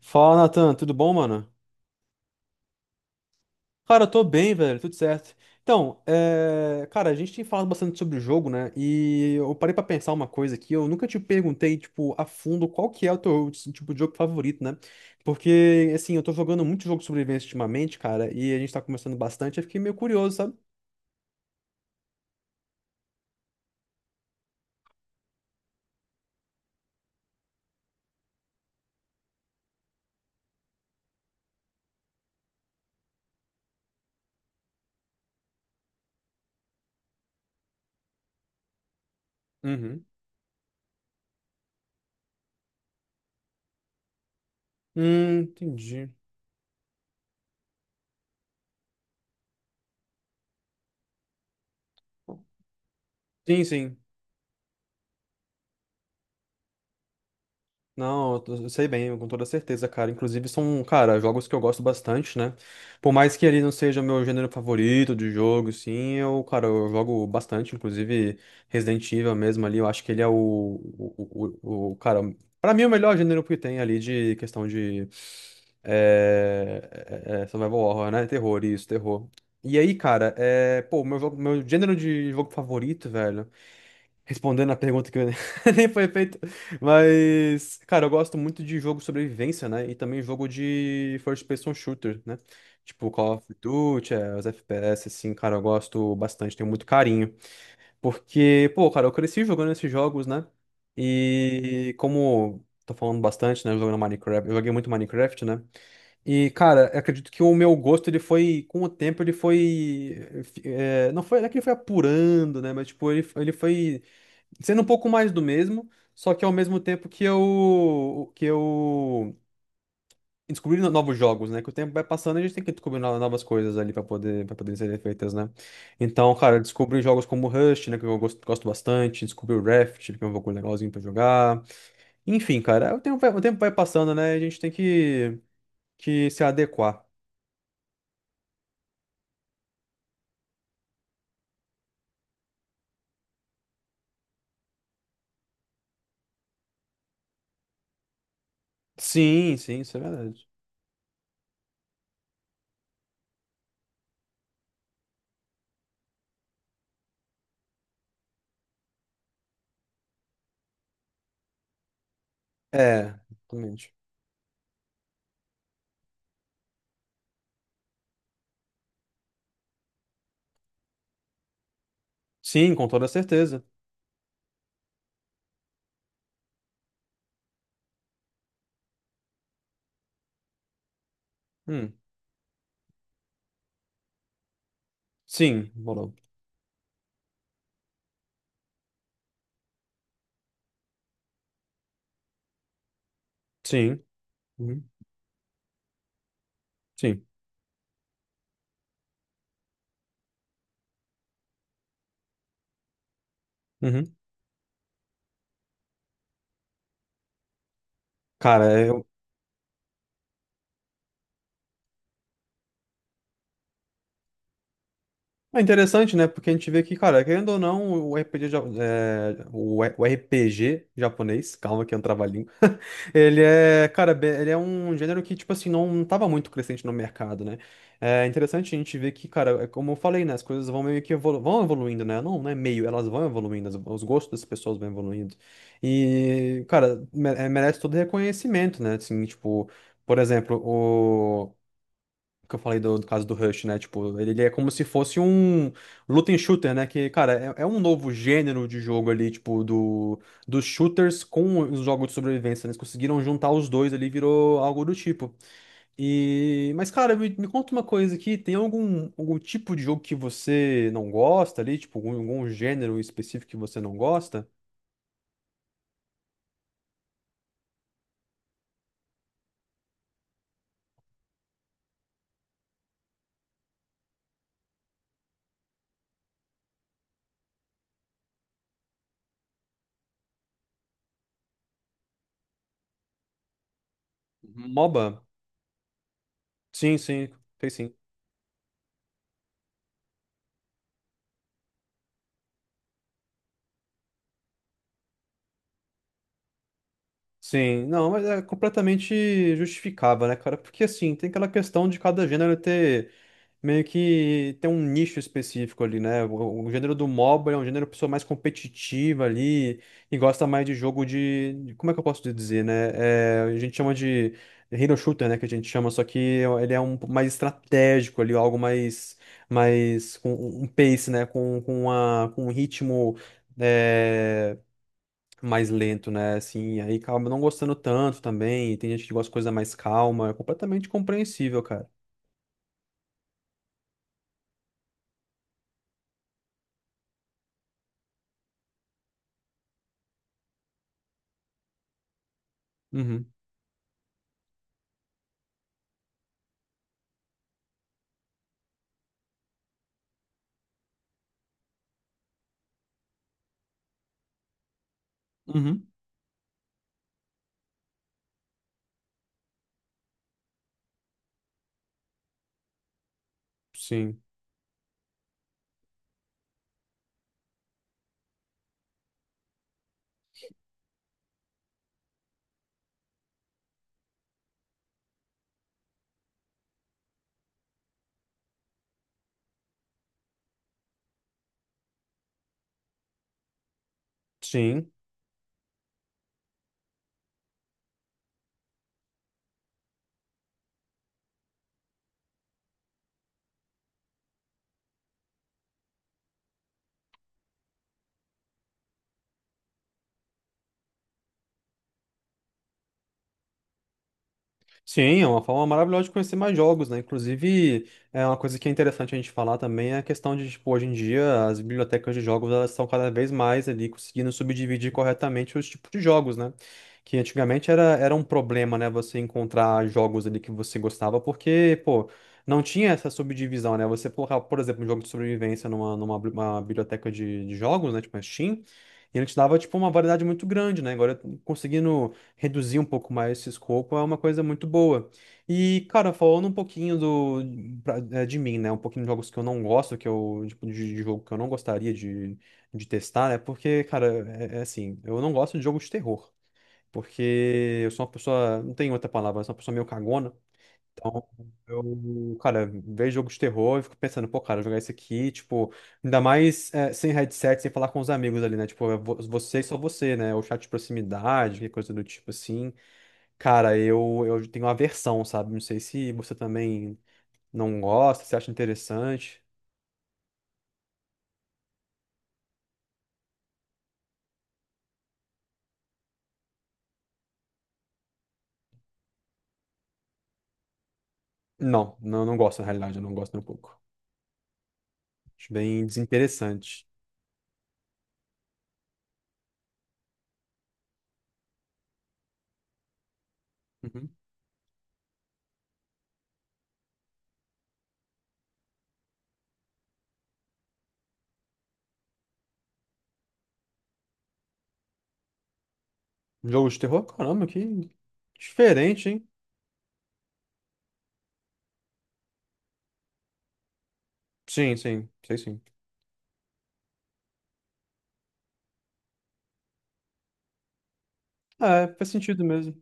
Fala, Natan, tudo bom, mano? Cara, eu tô bem, velho, tudo certo. Então, cara, a gente tem falado bastante sobre o jogo, né? E eu parei pra pensar uma coisa aqui. Eu nunca te perguntei, tipo, a fundo qual que é o teu, tipo, de jogo favorito, né? Porque, assim, eu tô jogando muito jogo de sobrevivência ultimamente, cara, e a gente tá conversando bastante. Eu fiquei meio curioso, sabe? Uhum. Entendi. Sim, sim. Não, eu sei bem, com toda certeza, cara. Inclusive são, cara, jogos que eu gosto bastante, né? Por mais que ele não seja meu gênero favorito de jogo, sim, eu, cara, eu jogo bastante, inclusive Resident Evil mesmo ali, eu acho que ele é cara, pra mim o melhor gênero que tem ali de questão de é, é, survival horror, né? Terror, isso, terror. E aí, cara, é, pô, meu jogo, meu gênero de jogo favorito, velho. Respondendo a pergunta que nem foi feita. Mas, cara, eu gosto muito de jogo sobrevivência, né? E também jogo de first person shooter, né? Tipo Call of Duty, é, os FPS, assim, cara, eu gosto bastante, tenho muito carinho. Porque, pô, cara, eu cresci jogando esses jogos, né? E como tô falando bastante, né? Jogando Minecraft, eu joguei muito Minecraft, né? E, cara, eu acredito que o meu gosto, ele foi, com o tempo, ele foi. Não foi, não é que ele foi apurando, né? Mas, tipo, ele foi sendo um pouco mais do mesmo, só que ao mesmo tempo que eu descobri novos jogos, né? Que o tempo vai passando e a gente tem que descobrir novas coisas ali para poder serem feitas, né? Então, cara, eu descobri jogos como Rust, né, que eu gosto, gosto bastante, descobri o Raft, que é um jogo legalzinho para jogar. Enfim, cara, o tempo vai passando, né? A gente tem que se adequar. Sim, sim, isso é verdade. É, exatamente. Sim, com toda certeza. Hum, sim, bolou. Sim. Uhum. Sim. Uhum. Cara, eu- É interessante, né? Porque a gente vê que, cara, querendo ou não, o RPG japonês, calma que é um trava-língua, ele é, cara, ele é um gênero que, tipo assim, não tava muito crescente no mercado, né? É interessante a gente ver que, cara, é como eu falei, né? As coisas vão meio que evolu vão evoluindo, né? Não, não é meio, elas vão evoluindo, os gostos das pessoas vão evoluindo. E, cara, merece todo reconhecimento, né? Assim, tipo, por exemplo, que eu falei do caso do Rush, né? Tipo, ele é como se fosse um looting shooter, né? Que, cara, é um novo gênero de jogo ali, tipo, dos shooters com os jogos de sobrevivência, né? Eles conseguiram juntar os dois ali, virou algo do tipo. E, mas, cara, me conta uma coisa aqui, tem algum tipo de jogo que você não gosta ali? Tipo, algum gênero específico que você não gosta? MOBA? Sim, sim, fez sim. Sim, não, mas é completamente justificável, né, cara? Porque assim, tem aquela questão de cada gênero ter meio que ter um nicho específico ali, né? O gênero do MOBA é um gênero pessoa mais competitiva ali e gosta mais de jogo como é que eu posso dizer, né? É, a gente chama de hero shooter, né, que a gente chama, só que ele é um pouco mais estratégico ali, algo mais mais com um pace, né, com com um ritmo é, mais lento, né? Assim, e aí acaba não gostando tanto também. E tem gente que gosta de coisa mais calma. É completamente compreensível, cara. Uhum. Uhum. Sim. Sim. Sim, é uma forma maravilhosa de conhecer mais jogos, né? Inclusive, é uma coisa que é interessante a gente falar também é a questão de, tipo, hoje em dia as bibliotecas de jogos elas estão cada vez mais ali conseguindo subdividir corretamente os tipos de jogos, né? Que antigamente era um problema, né? Você encontrar jogos ali que você gostava, porque, pô, não tinha essa subdivisão, né? Você colocar, por exemplo, um jogo de sobrevivência uma biblioteca de jogos, né? Tipo a Steam, e ele te dava, tipo, uma variedade muito grande, né? Agora, conseguindo reduzir um pouco mais esse escopo é uma coisa muito boa. E, cara, falando um pouquinho de mim, né? Um pouquinho de jogos que eu não gosto, que eu, tipo, de jogo que eu não gostaria de testar, né? Porque, cara, é assim, eu não gosto de jogo de terror. Porque eu sou uma pessoa, não tem outra palavra, eu sou uma pessoa meio cagona. Então, eu, cara, vejo jogo de terror e fico pensando, pô, cara, jogar isso aqui, tipo, ainda mais sem headset, sem falar com os amigos ali, né? Tipo, é você e só você, né? Ou chat de proximidade, que coisa do tipo assim. Cara, eu tenho aversão, sabe? Não sei se você também não gosta, se acha interessante. Não, não, não gosto, na realidade, eu não gosto nem um pouco. Acho bem desinteressante. Uhum. Jogo de terror? Caramba, que diferente, hein? Sim, sim, sei sim. É, faz sentido mesmo.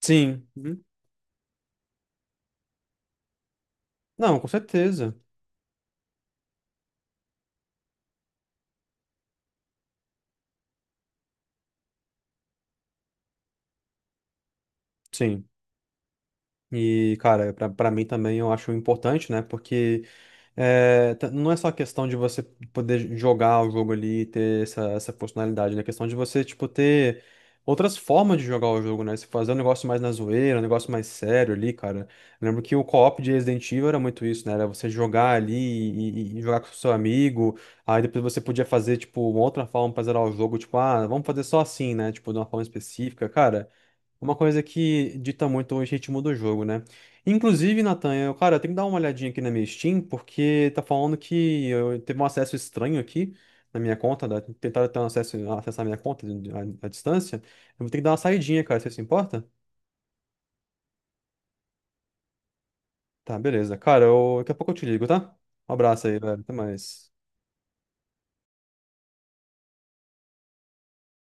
Sim. Uhum. Não, com certeza. Sim. E, cara, pra mim também eu acho importante, né? Porque. Não é só questão de você poder jogar o jogo ali e ter essa funcionalidade, né? É questão de você, tipo, ter outras formas de jogar o jogo, né? Você fazer um negócio mais na zoeira, um negócio mais sério ali, cara. Eu lembro que o co-op de Resident Evil era muito isso, né? Era você jogar ali e jogar com o seu amigo. Aí depois você podia fazer, tipo, uma outra forma pra zerar o jogo, tipo, ah, vamos fazer só assim, né? Tipo, de uma forma específica. Cara, uma coisa que dita muito o ritmo do jogo, né? Inclusive, Nathan, eu tenho que dar uma olhadinha aqui na minha Steam, porque tá falando que eu teve um acesso estranho aqui na minha conta, tentaram ter um acesso, acessar a minha conta à, à distância. Eu vou ter que dar uma saidinha, cara, você se importa? Tá, beleza. Daqui a pouco eu te ligo, tá? Um abraço aí, velho. Até mais.